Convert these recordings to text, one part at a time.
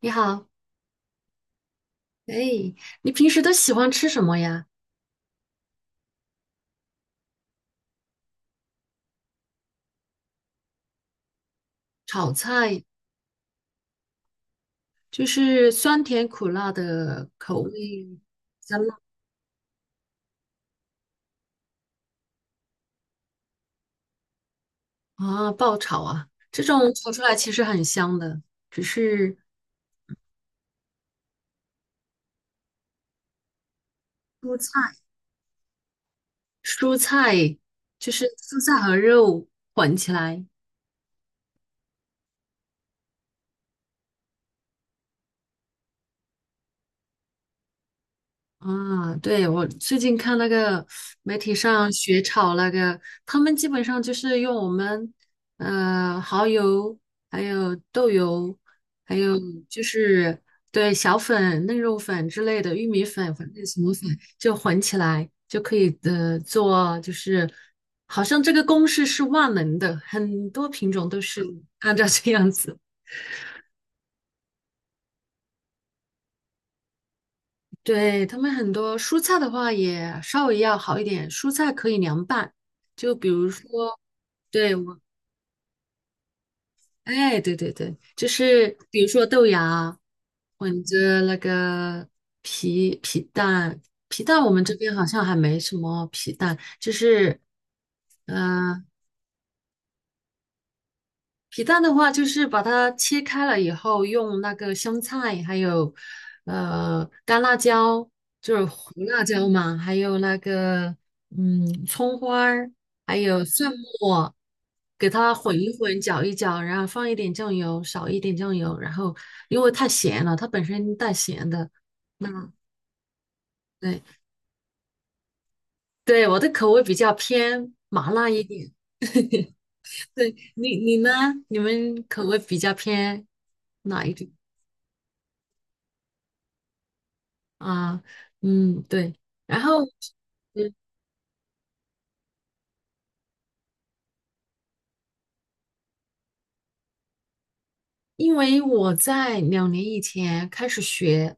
你好。哎，你平时都喜欢吃什么呀？炒菜，就是酸甜苦辣的口味。啊，爆炒啊，这种炒出来其实很香的。只是蔬菜，蔬菜，就是蔬菜和肉混起来。啊，对，我最近看那个媒体上学炒那个，他们基本上就是用我们蚝油，还有豆油，还有就是对小粉、嫩肉粉之类的玉米粉，粉，正什么粉，就混起来就可以做，就是好像这个公式是万能的，很多品种都是按照这样子。对，他们很多蔬菜的话也稍微要好一点，蔬菜可以凉拌。就比如说，对，我，哎，对对对，就是比如说豆芽混着那个皮蛋，皮蛋我们这边好像还没什么皮蛋，就是，嗯。皮蛋的话，就是把它切开了以后，用那个香菜，还有干辣椒，就是胡辣椒嘛，还有那个葱花儿，还有蒜末，给它混一混，搅一搅，然后放一点酱油，少一点酱油。然后因为太咸了，它本身带咸的。嗯，对对，我的口味比较偏麻辣一点。对，你呢？你们口味比较偏哪一种？啊，嗯，对。然后，嗯，因为我在2年以前开始学，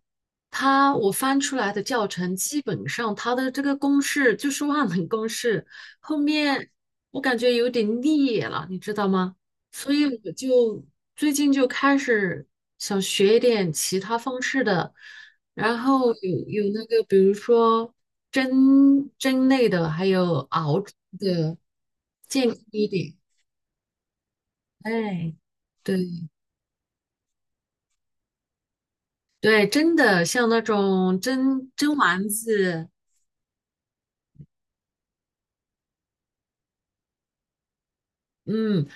我翻出来的教程，基本上它的这个公式就是万能公式。后面我感觉有点腻了，你知道吗？所以我就最近就开始想学一点其他方式的，然后有那个，比如说蒸类的，还有熬制的，健康一点。哎，对对，真的像那种蒸丸子。嗯，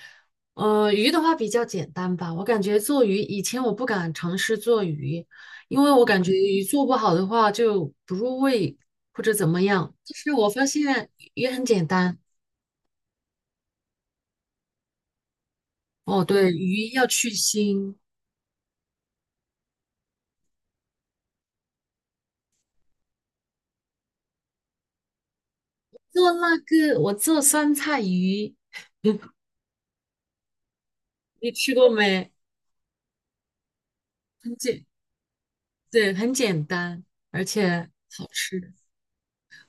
鱼的话比较简单吧。我感觉做鱼，以前我不敢尝试做鱼，因为我感觉鱼做不好的话就不入味或者怎么样。但是我发现鱼很简单。哦，对，鱼要去腥。做那个我做酸菜鱼，你吃过没？很简，对，很简单，而且好吃。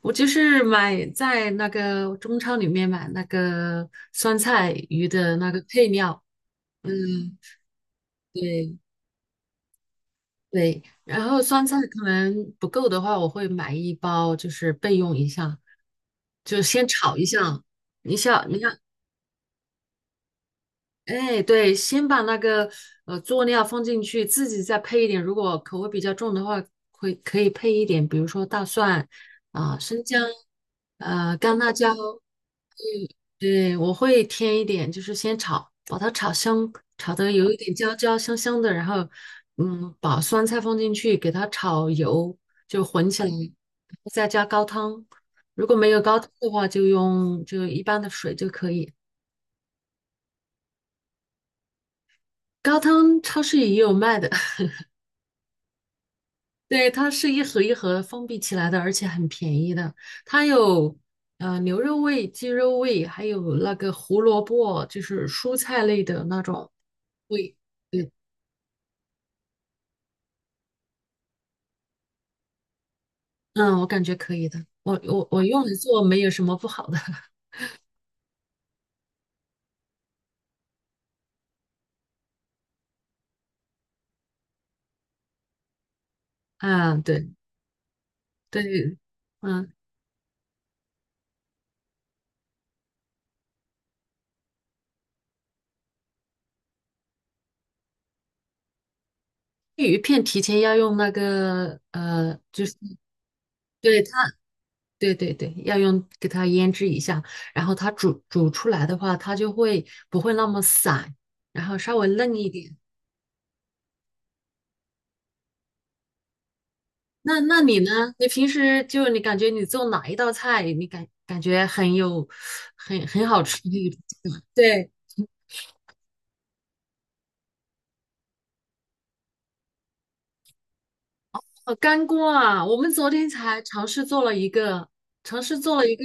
我就是买在那个中超里面买那个酸菜鱼的那个配料。嗯，对对。然后酸菜可能不够的话，我会买一包，就是备用一下，就先炒一下。你想，你看，哎，对，先把那个佐料放进去，自己再配一点。如果口味比较重的话，可以配一点，比如说大蒜啊、生姜、干辣椒。嗯，对，我会添一点，就是先炒，把它炒香，炒得有一点焦焦香香的。然后把酸菜放进去，给它炒油，就混起来，然后再加高汤。如果没有高汤的话，就用就一般的水就可以。高汤超市也有卖的。对，它是一盒一盒封闭起来的，而且很便宜的。它有牛肉味、鸡肉味，还有那个胡萝卜，就是蔬菜类的那种味。对，嗯，我感觉可以的。我用来做没有什么不好的。啊，对对。嗯，鱼片提前要用那个就是对它，对对对，要用给它腌制一下，然后它煮出来的话，它就会不会那么散，然后稍微嫩一点。那你呢？你平时就你感觉你做哪一道菜，你感觉很有很好吃的一种菜。对，干锅啊，我们昨天才尝试做了一个，尝试做了一个，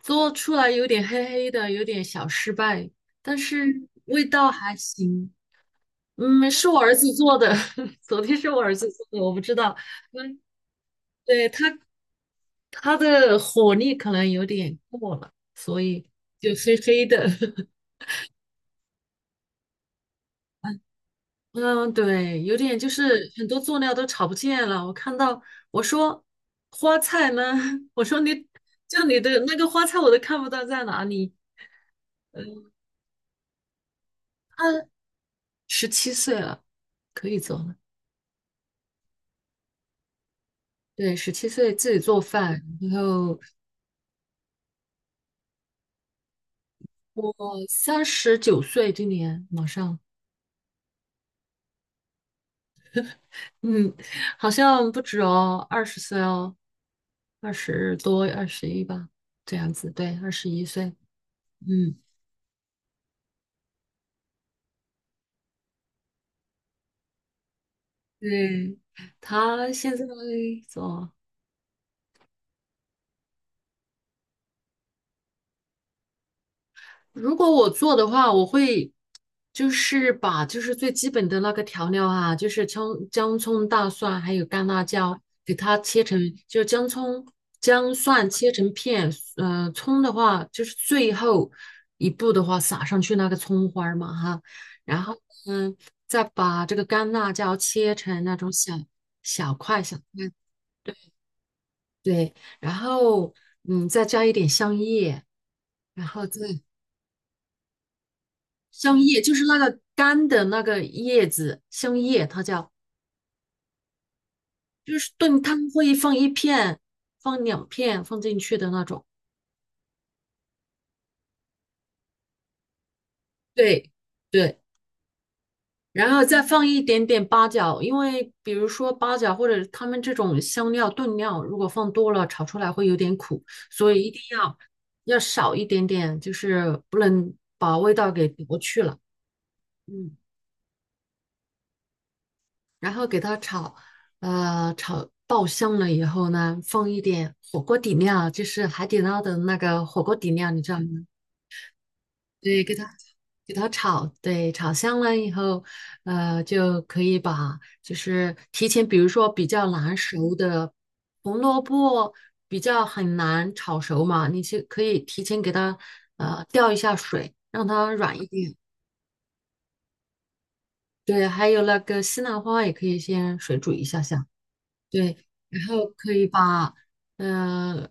做出来有点黑黑的，有点小失败，但是味道还行。是我儿子做的。昨天是我儿子做的，我不知道。嗯，对，他的火力可能有点过了，所以就黑黑的。嗯，对，有点就是很多佐料都炒不见了。我看到，我说花菜呢，我说你就你的那个花菜我都看不到在哪里。嗯，他十七岁了，可以做了。对，十七岁自己做饭。然后我39岁，今年马上。嗯，好像不止哦，20岁哦，20多，二十一吧，这样子，对，21岁。嗯，对，他现在做。如果我做的话，我会就是把最基本的那个调料啊，就是葱、姜、葱、大蒜还有干辣椒，给它切成，就姜、葱、姜、蒜切成片。葱的话就是最后一步的话撒上去那个葱花儿嘛哈。然后嗯，再把这个干辣椒切成那种小块小块，对对，然后再加一点香叶，然后再。香叶就是那个干的那个叶子，香叶它叫，就是炖汤会放一片，放两片放进去的那种。对对，然后再放一点点八角。因为比如说八角或者他们这种香料炖料，如果放多了炒出来会有点苦，所以一定要少一点点，就是不能把味道给夺去了。嗯。然后给它炒，炒爆香了以后呢，放一点火锅底料，就是海底捞的那个火锅底料，你知道吗？嗯，对，给它炒。对，炒香了以后，就可以把就是提前，比如说比较难熟的红萝卜，比较很难炒熟嘛，你就可以提前给它吊一下水，让它软一点。对，还有那个西兰花也可以先水煮一下下。对，然后可以把，呃，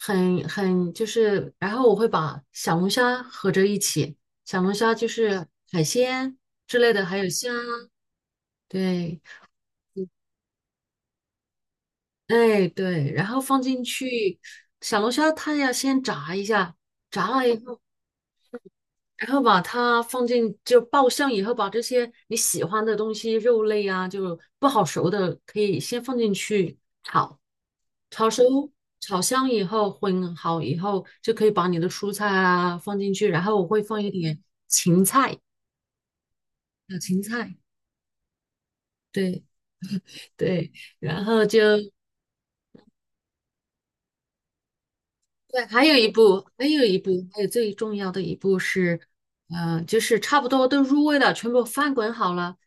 很就是，然后我会把小龙虾合着一起。小龙虾就是海鲜之类的，还有虾。对，哎对，然后放进去。小龙虾它要先炸一下，炸了以后，然后把它放进就爆香以后，把这些你喜欢的东西，肉类啊，就不好熟的可以先放进去炒。炒熟、炒香以后，混好以后，就可以把你的蔬菜啊放进去。然后我会放一点芹菜，小芹菜。对对，然后就对，还有一步，还有一步，还有最重要的一步是，就是差不多都入味了，全部翻滚好了，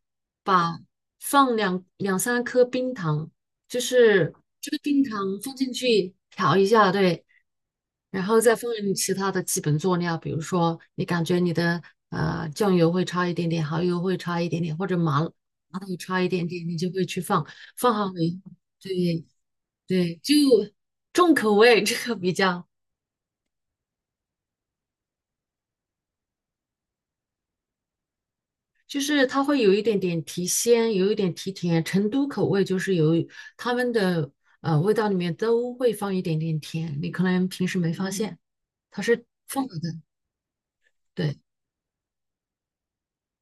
把放两三颗冰糖，就是这个冰糖放进去调一下。对，然后再放其他的基本佐料，比如说你感觉你的酱油会差一点点，蚝油会差一点点，或者麻豆差一点点，你就会去放，放好没？对对，就重口味，这个比较。就是它会有一点点提鲜，有一点提甜。成都口味就是有他们的味道里面都会放一点点甜，你可能平时没发现，它是放了的。对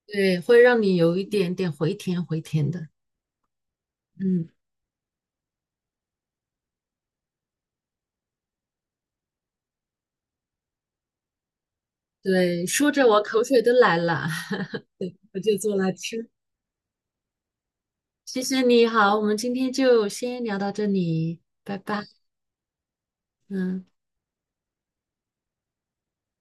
对，会让你有一点点回甜回甜的。嗯，对，说着我口水都来了。我就做来吃。谢谢你好，我们今天就先聊到这里，拜拜。嗯。